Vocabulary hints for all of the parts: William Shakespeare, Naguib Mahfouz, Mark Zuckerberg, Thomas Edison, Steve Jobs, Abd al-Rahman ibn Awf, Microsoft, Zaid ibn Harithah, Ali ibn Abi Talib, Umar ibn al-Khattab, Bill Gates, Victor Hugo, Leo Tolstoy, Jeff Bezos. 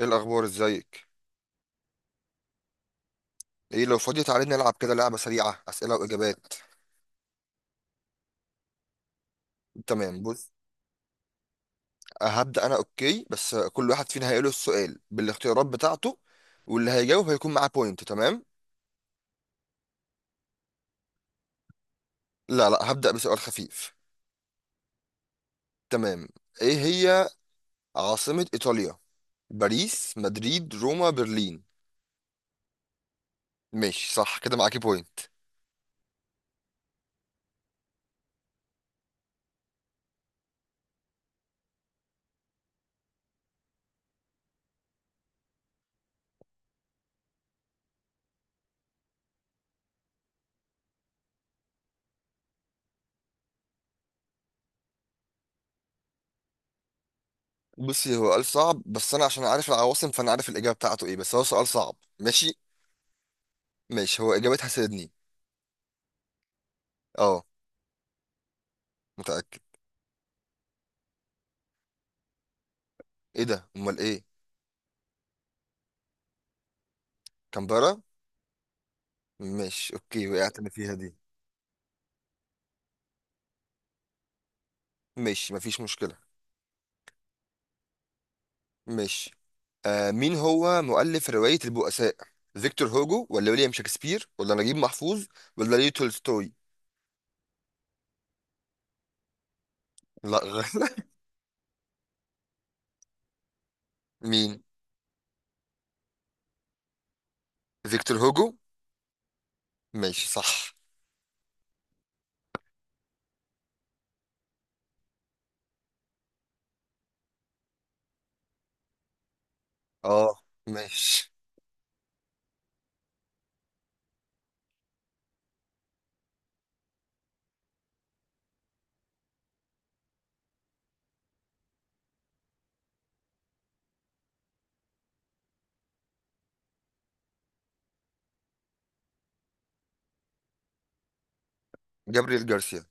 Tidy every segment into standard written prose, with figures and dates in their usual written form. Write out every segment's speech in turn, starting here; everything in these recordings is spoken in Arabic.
ايه الاخبار؟ ازيك؟ ايه، لو فاضي تعالى نلعب كده لعبه سريعه، اسئله واجابات. تمام، بص هبدا انا. اوكي، بس كل واحد فينا هيقوله السؤال بالاختيارات بتاعته، واللي هيجاوب هيكون معاه بوينت. تمام، لا هبدا بسؤال خفيف. تمام. ايه هي عاصمه ايطاليا؟ باريس، مدريد، روما، برلين؟ ماشي، صح كده، معاكي بوينت. بصي، هو قال صعب بس انا عشان عارف العواصم فانا عارف الاجابه بتاعته ايه، بس هو سؤال صعب. ماشي ماشي، هو اجابتها سيدني. اه، متاكد. ايه ده؟ امال ايه؟ كامبرا. ماشي، اوكي وقعت انا فيها دي. ماشي، مفيش مشكلة. ماشي. آه، مين هو مؤلف رواية البؤساء؟ فيكتور هوجو، ولا ويليام شكسبير، ولا نجيب محفوظ، ولا ليو تولستوي؟ لا غلط. مين؟ فيكتور هوجو. ماشي صح. اه. ماشي. جابريل جارسيا.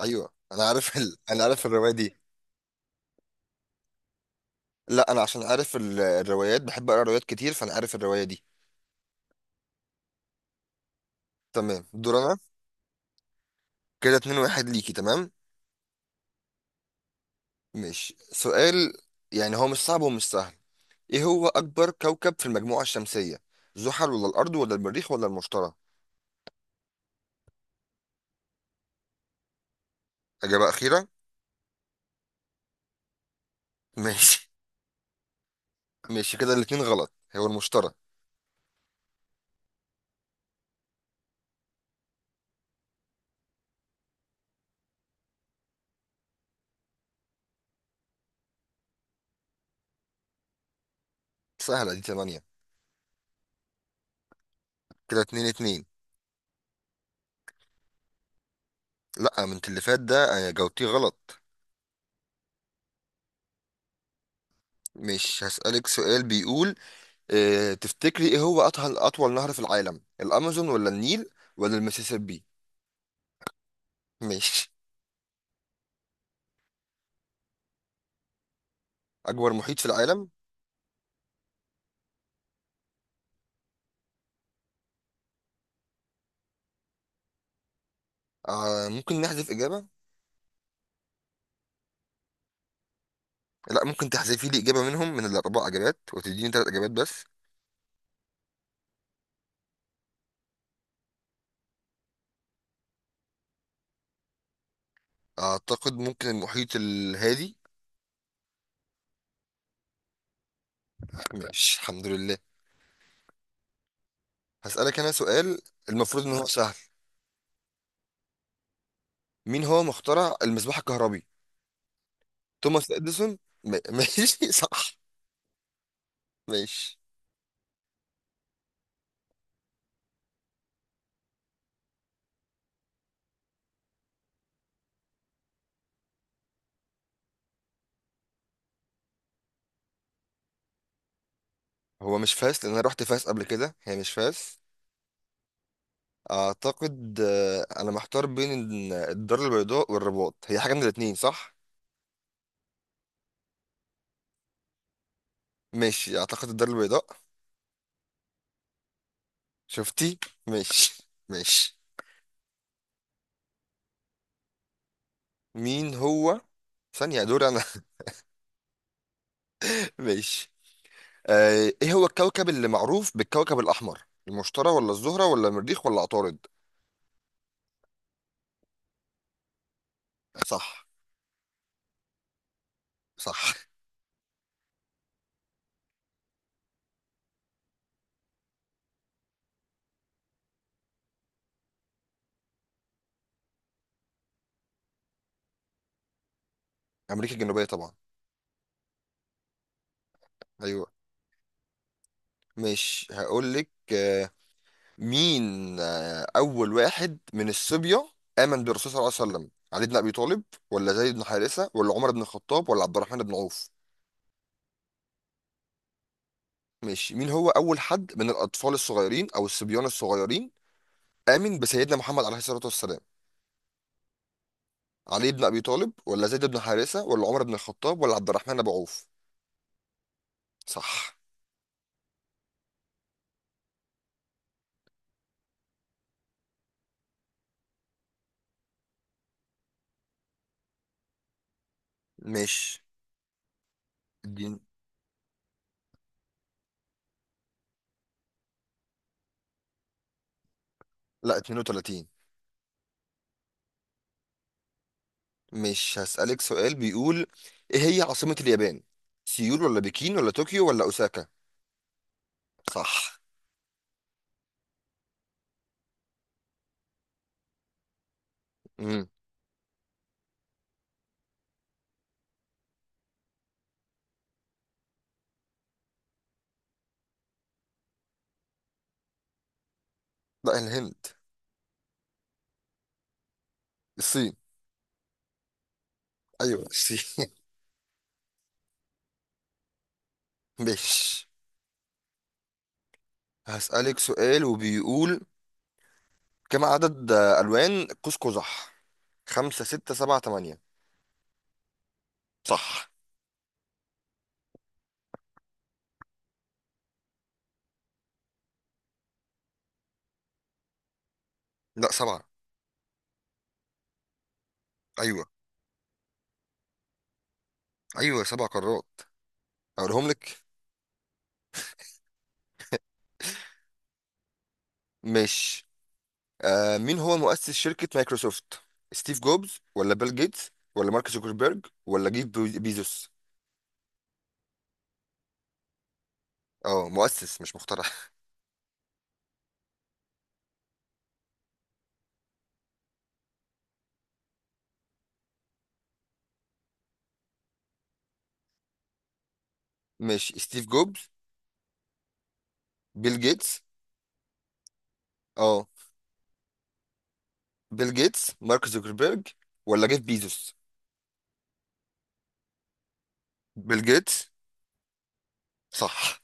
ايوه انا عارف انا عارف الرواية دي. لا انا عشان عارف الروايات، بحب اقرا روايات كتير، فانا عارف الرواية دي. تمام، دور انا. كده اتنين واحد ليكي. تمام. ماشي، سؤال. يعني هو مش صعب ومش سهل. ايه هو اكبر كوكب في المجموعة الشمسية؟ زحل، ولا الارض، ولا المريخ، ولا المشتري؟ اجابة اخيرة. ماشي. ماشي كده، الاتنين غلط، هو المشتري. سهلة دي، تمانية. كده اتنين اتنين. لا، من اللي فات ده جاوبتيه غلط. مش هسألك سؤال بيقول، اه تفتكري ايه هو اطول نهر في العالم؟ الامازون، ولا النيل، ولا المسيسيبي؟ ماشي. اكبر محيط في العالم. آه، ممكن نحذف اجابة؟ لا، ممكن تحذفي لي اجابة منهم من الاربع اجابات وتديني ثلاث اجابات بس. اعتقد ممكن المحيط الهادي. ماشي، الحمد لله. هسألك انا سؤال، المفروض ان هو سهل. مين هو مخترع المصباح الكهربي؟ توماس اديسون. ماشي صح. ماشي. هو مش فاس، لان انا رحت فاس قبل كده، هي مش فاس. اعتقد انا محتار بين الدار البيضاء والرباط، هي حاجة من الاتنين، صح؟ ماشي اعتقد الدار البيضاء. شفتي؟ ماشي ماشي. مين هو؟ ثانية، دور انا. ماشي. ايه هو الكوكب اللي معروف بالكوكب الاحمر؟ المشتري، ولا الزهرة، ولا المريخ، ولا عطارد؟ صح. صح. امريكا الجنوبية طبعا. ايوه. مش هقول لك. مين؟ آه، اول واحد من الصبية امن بالرسول صلى الله عليه وسلم؟ علي بن ابي طالب، ولا زيد بن حارثة، ولا عمر بن الخطاب، ولا عبد الرحمن بن عوف؟ ماشي، مين هو اول حد من الاطفال الصغيرين او الصبيان الصغيرين امن بسيدنا محمد عليه الصلاة والسلام؟ علي بن ابي طالب، ولا زيد بن حارثة، ولا عمر بن الخطاب، ولا عبد الرحمن بن عوف؟ صح. مش دي. لا 32. مش هسألك سؤال بيقول، ايه هي عاصمة اليابان؟ سيول، ولا بكين، ولا طوكيو، ولا اوساكا؟ صح. امم. لا الهند. الصين. ايوه الصين. مش هسألك سؤال وبيقول، كم عدد الوان قوس قزح؟ خمسة، ستة، سبعة، تمانية؟ صح. لا سبعة. ايوه. ايوه سبع قارات، اقولهم لك. مش آه، مين هو مؤسس شركة مايكروسوفت؟ ستيف جوبز، ولا بيل جيتس، ولا مارك زوكربيرج، ولا جيف بيزوس؟ اه مؤسس مش مخترع. ماشي، ستيف جوبز، بيل جيتس. اه. بيل جيتس، مارك زوكربيرج، ولا جيف بيزوس؟ بيل جيتس. صح.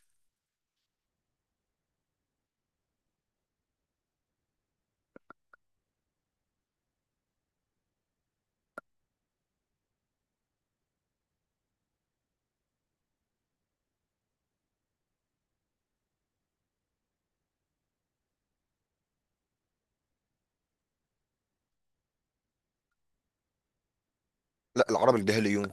لا العرب الجاهليون.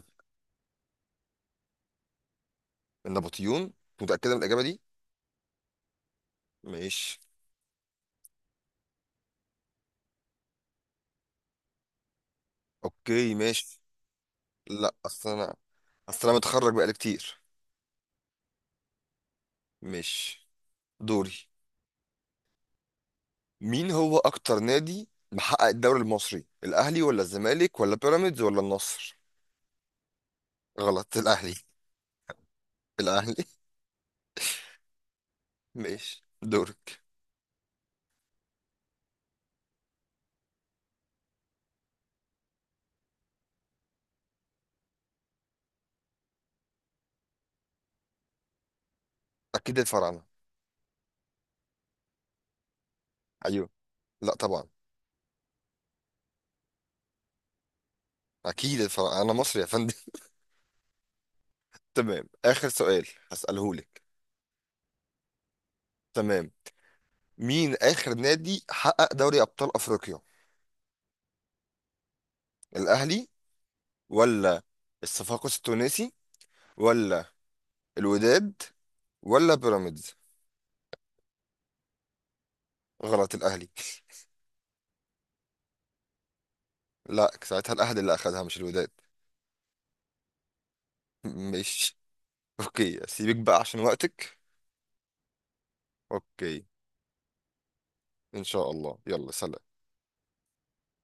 النبطيون؟ متأكدة من الإجابة دي؟ ماشي. اوكي ماشي. لا اصل انا، اصل انا متخرج بقالي كتير. ماشي، دوري. مين هو اكتر نادي محقق الدوري المصري؟ الاهلي، ولا الزمالك، ولا بيراميدز، ولا النصر؟ غلط، الاهلي. الاهلي. ماشي، دورك. اكيد الفراعنه. ايوه. لا طبعا. اكيد الفراعنه، انا مصري يا فندم. تمام اخر سؤال هساله لك. تمام. مين اخر نادي حقق دوري ابطال افريقيا؟ الاهلي، ولا الصفاقس التونسي، ولا الوداد، ولا بيراميدز؟ غلط، الاهلي. لا ساعتها الاهلي اللي اخذها مش الوداد. ماشي. اوكي سيبك بقى عشان وقتك. اوكي. ان شاء الله، يلا سلام.